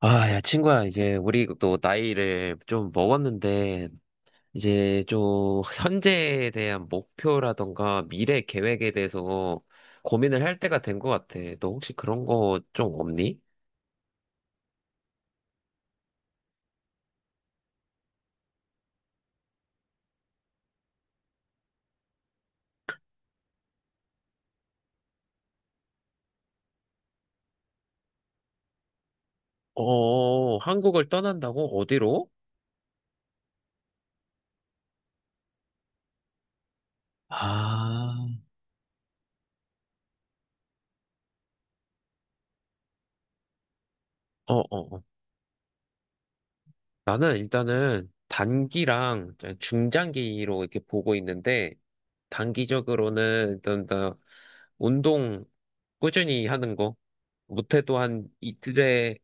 아, 야, 친구야, 이제 우리 또 나이를 좀 먹었는데, 이제 좀 현재에 대한 목표라던가 미래 계획에 대해서 고민을 할 때가 된 것 같아. 너 혹시 그런 거 좀 없니? 어, 한국을 떠난다고? 어디로? 아, 어, 어, 나는 일단은 단기랑 중장기로 이렇게 보고 있는데, 단기적으로는 일단 나 운동 꾸준히 하는 거, 못해도 한 이틀에,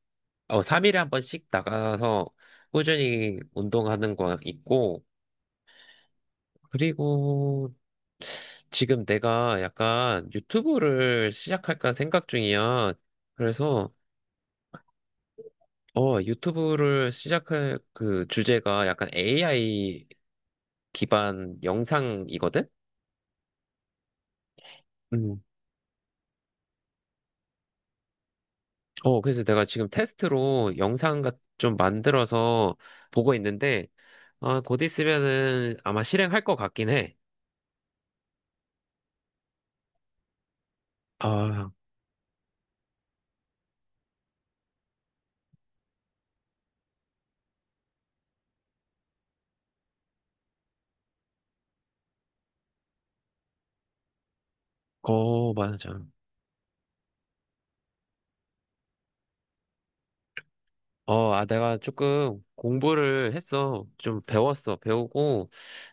어, 3일에 한 번씩 나가서 꾸준히 운동하는 거 있고, 그리고 지금 내가 약간 유튜브를 시작할까 생각 중이야. 그래서, 어, 유튜브를 시작할 그 주제가 약간 AI 기반 영상이거든? 음. 어, 그래서 내가 지금 테스트로 영상 좀 만들어서 보고 있는데, 아, 곧 있으면은 아마 실행할 것 같긴 해. 아, 어, 맞아. 어, 아, 내가 조금 공부를 했어. 좀 배웠어. 배우고,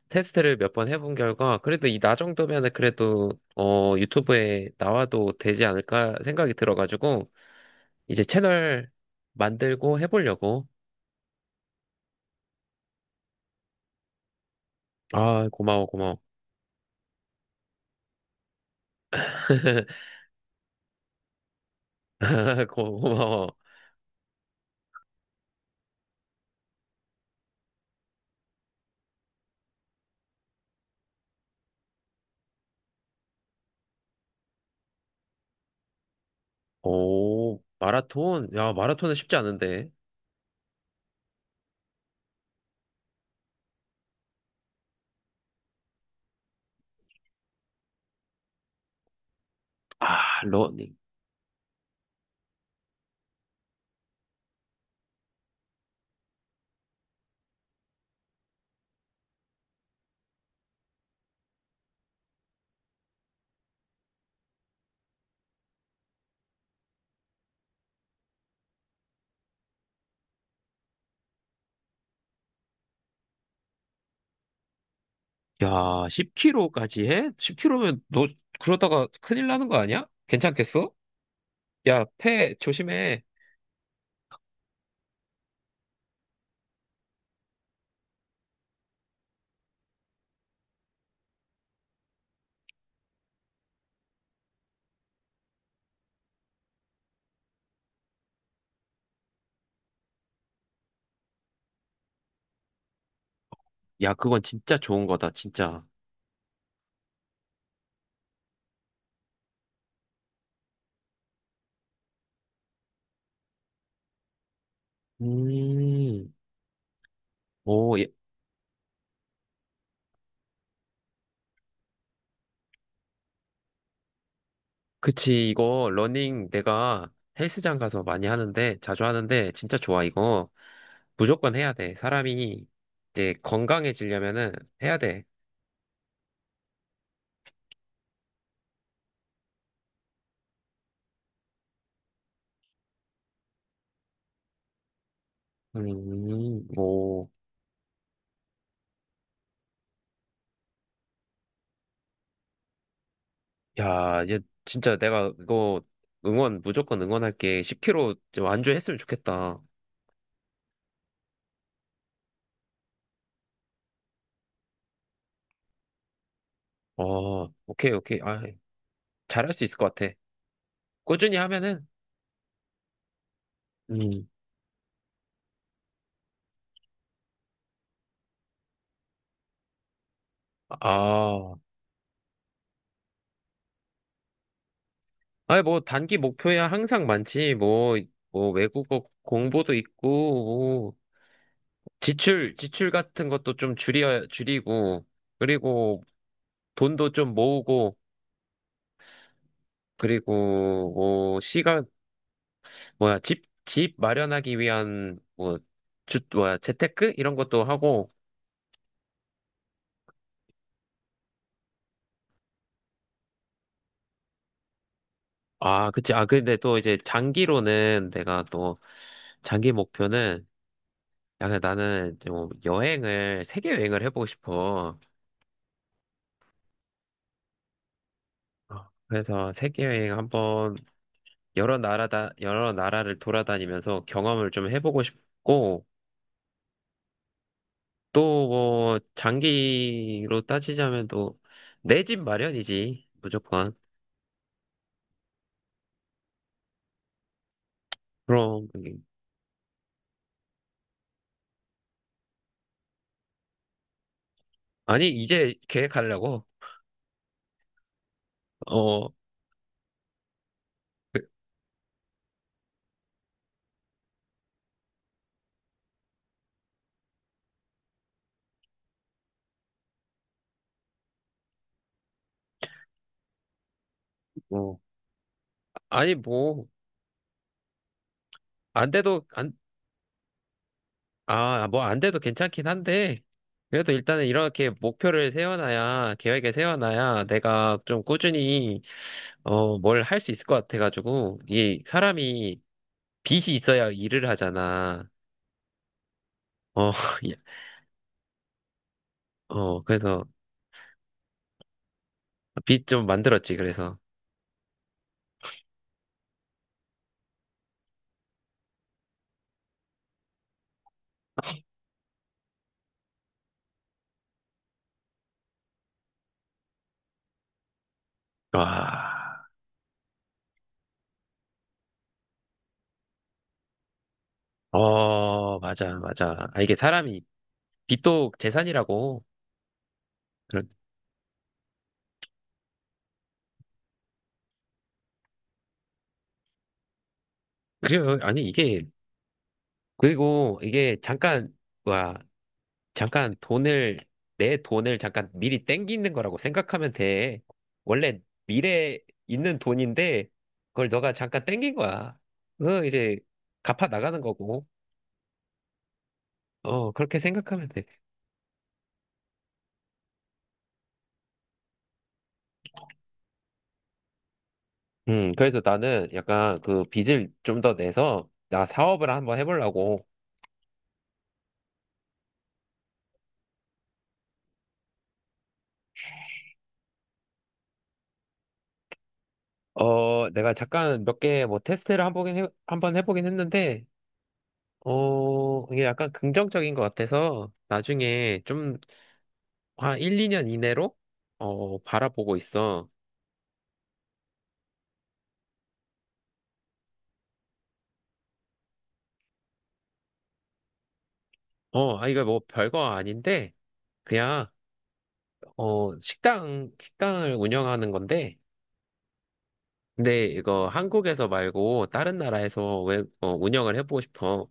테스트를 몇 번 해본 결과, 그래도 이 나 정도면은 그래도, 어, 유튜브에 나와도 되지 않을까 생각이 들어가지고, 이제 채널 만들고 해보려고. 아, 고마워, 고마워. 고마워. 오, 마라톤? 야, 마라톤은 쉽지 않은데. 아, 러닝. 야, 10km까지 해? 10km면 너 그러다가 큰일 나는 거 아니야? 괜찮겠어? 야, 폐 조심해. 야, 그건 진짜 좋은 거다, 진짜. 음, 오, 예, 그치, 이거, 러닝 내가 헬스장 가서 많이 하는데, 자주 하는데, 진짜 좋아, 이거. 무조건 해야 돼. 사람이 이제 건강해지려면은 해야 돼. 오. 야, 얘 진짜 내가 이거 응원, 무조건 응원할게. 10kg 좀 완주했으면 좋겠다. 어, 오케이, 오케이. 아, 잘할 수 있을 것 같아. 꾸준히 하면은, 음, 아, 아니, 뭐, 단기 목표야 항상 많지. 뭐, 뭐, 외국어 공부도 있고, 뭐, 지출 같은 것도 좀 줄이고, 그리고 돈도 좀 모으고, 그리고 뭐, 시간, 뭐야, 집 마련하기 위한, 뭐, 뭐야, 재테크? 이런 것도 하고, 아, 그치. 아, 근데 또 이제 장기로는 내가 또, 장기 목표는, 약 나는 좀 세계 여행을 해보고 싶어. 어, 그래서 세계 여행 한번 여러 나라를 돌아다니면서 경험을 좀 해보고 싶고, 또 뭐, 장기로 따지자면 또, 내 집 마련이지. 무조건. 그럼, 아니, 이제 계획하려고. 어, 그- 어. 아니, 뭐, 안 돼도, 안, 아, 뭐, 안 돼도 괜찮긴 한데, 그래도 일단은 이렇게 목표를 세워놔야, 계획을 세워놔야 내가 좀 꾸준히, 어, 뭘 할 수 있을 것 같아가지고, 이 사람이 빚이 있어야 일을 하잖아. 어, 예. 어, 그래서 빚 좀 만들었지, 그래서. 와, 어, 맞아, 맞아. 아, 이게 사람이, 빚도 재산이라고. 그 그래요. 아니, 이게, 그리고 이게 잠깐, 와, 잠깐 돈을, 내 돈을 잠깐 미리 땡기는 거라고 생각하면 돼. 원래 미래에 있는 돈인데, 그걸 너가 잠깐 땡긴 거야. 이제 갚아 나가는 거고. 어, 그렇게 생각하면 돼. 그래서 나는 약간 그 빚을 좀 더 내서, 나 사업을 한번 해보려고. 어, 내가 잠깐 몇 개 뭐 테스트를 한번 해보긴 했는데, 어, 이게 약간 긍정적인 것 같아서 나중에 좀 한 1, 2년 이내로 어, 바라보고 있어. 어, 아, 이거 뭐 별거 아닌데 그냥 어, 식당을 운영하는 건데 근데 이거 한국에서 말고 다른 나라에서 왜 어, 운영을 해보고 싶어.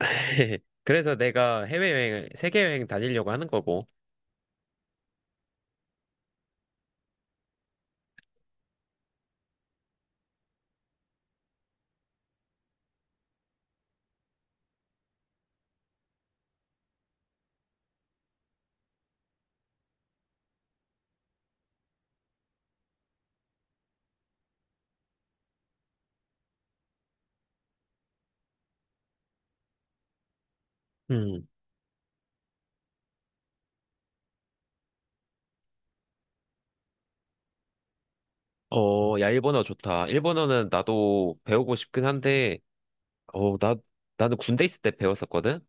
그래서 내가 세계여행 다니려고 하는 거고. 음. 어, 야, 일본어 좋다. 일본어는 나도 배우고 싶긴 한데, 어, 나는 군대 있을 때 배웠었거든?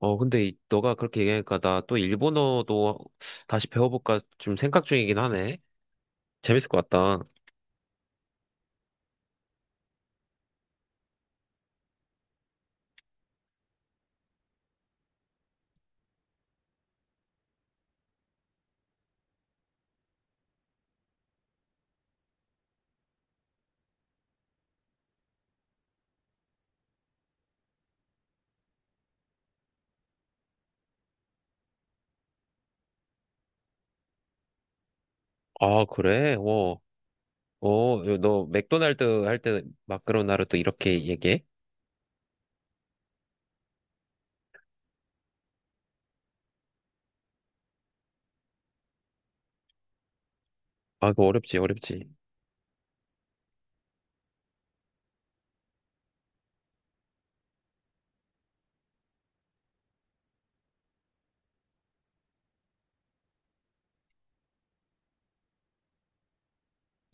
어, 근데 너가 그렇게 얘기하니까 나 또 일본어도 다시 배워볼까 좀 생각 중이긴 하네. 재밌을 것 같다. 아, 그래? 어, 어, 너 맥도날드 할 때 마카로나를 또 이렇게 얘기해? 아, 그거 어렵지, 어렵지.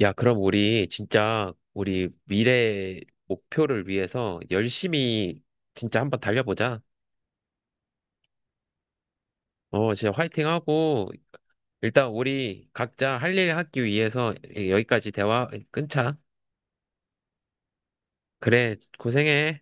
야, 그럼 우리 진짜 우리 미래 목표를 위해서 열심히 진짜 한번 달려보자. 어, 진짜 화이팅하고 일단 우리 각자 할 일 하기 위해서 여기까지 대화 끊자. 그래, 고생해.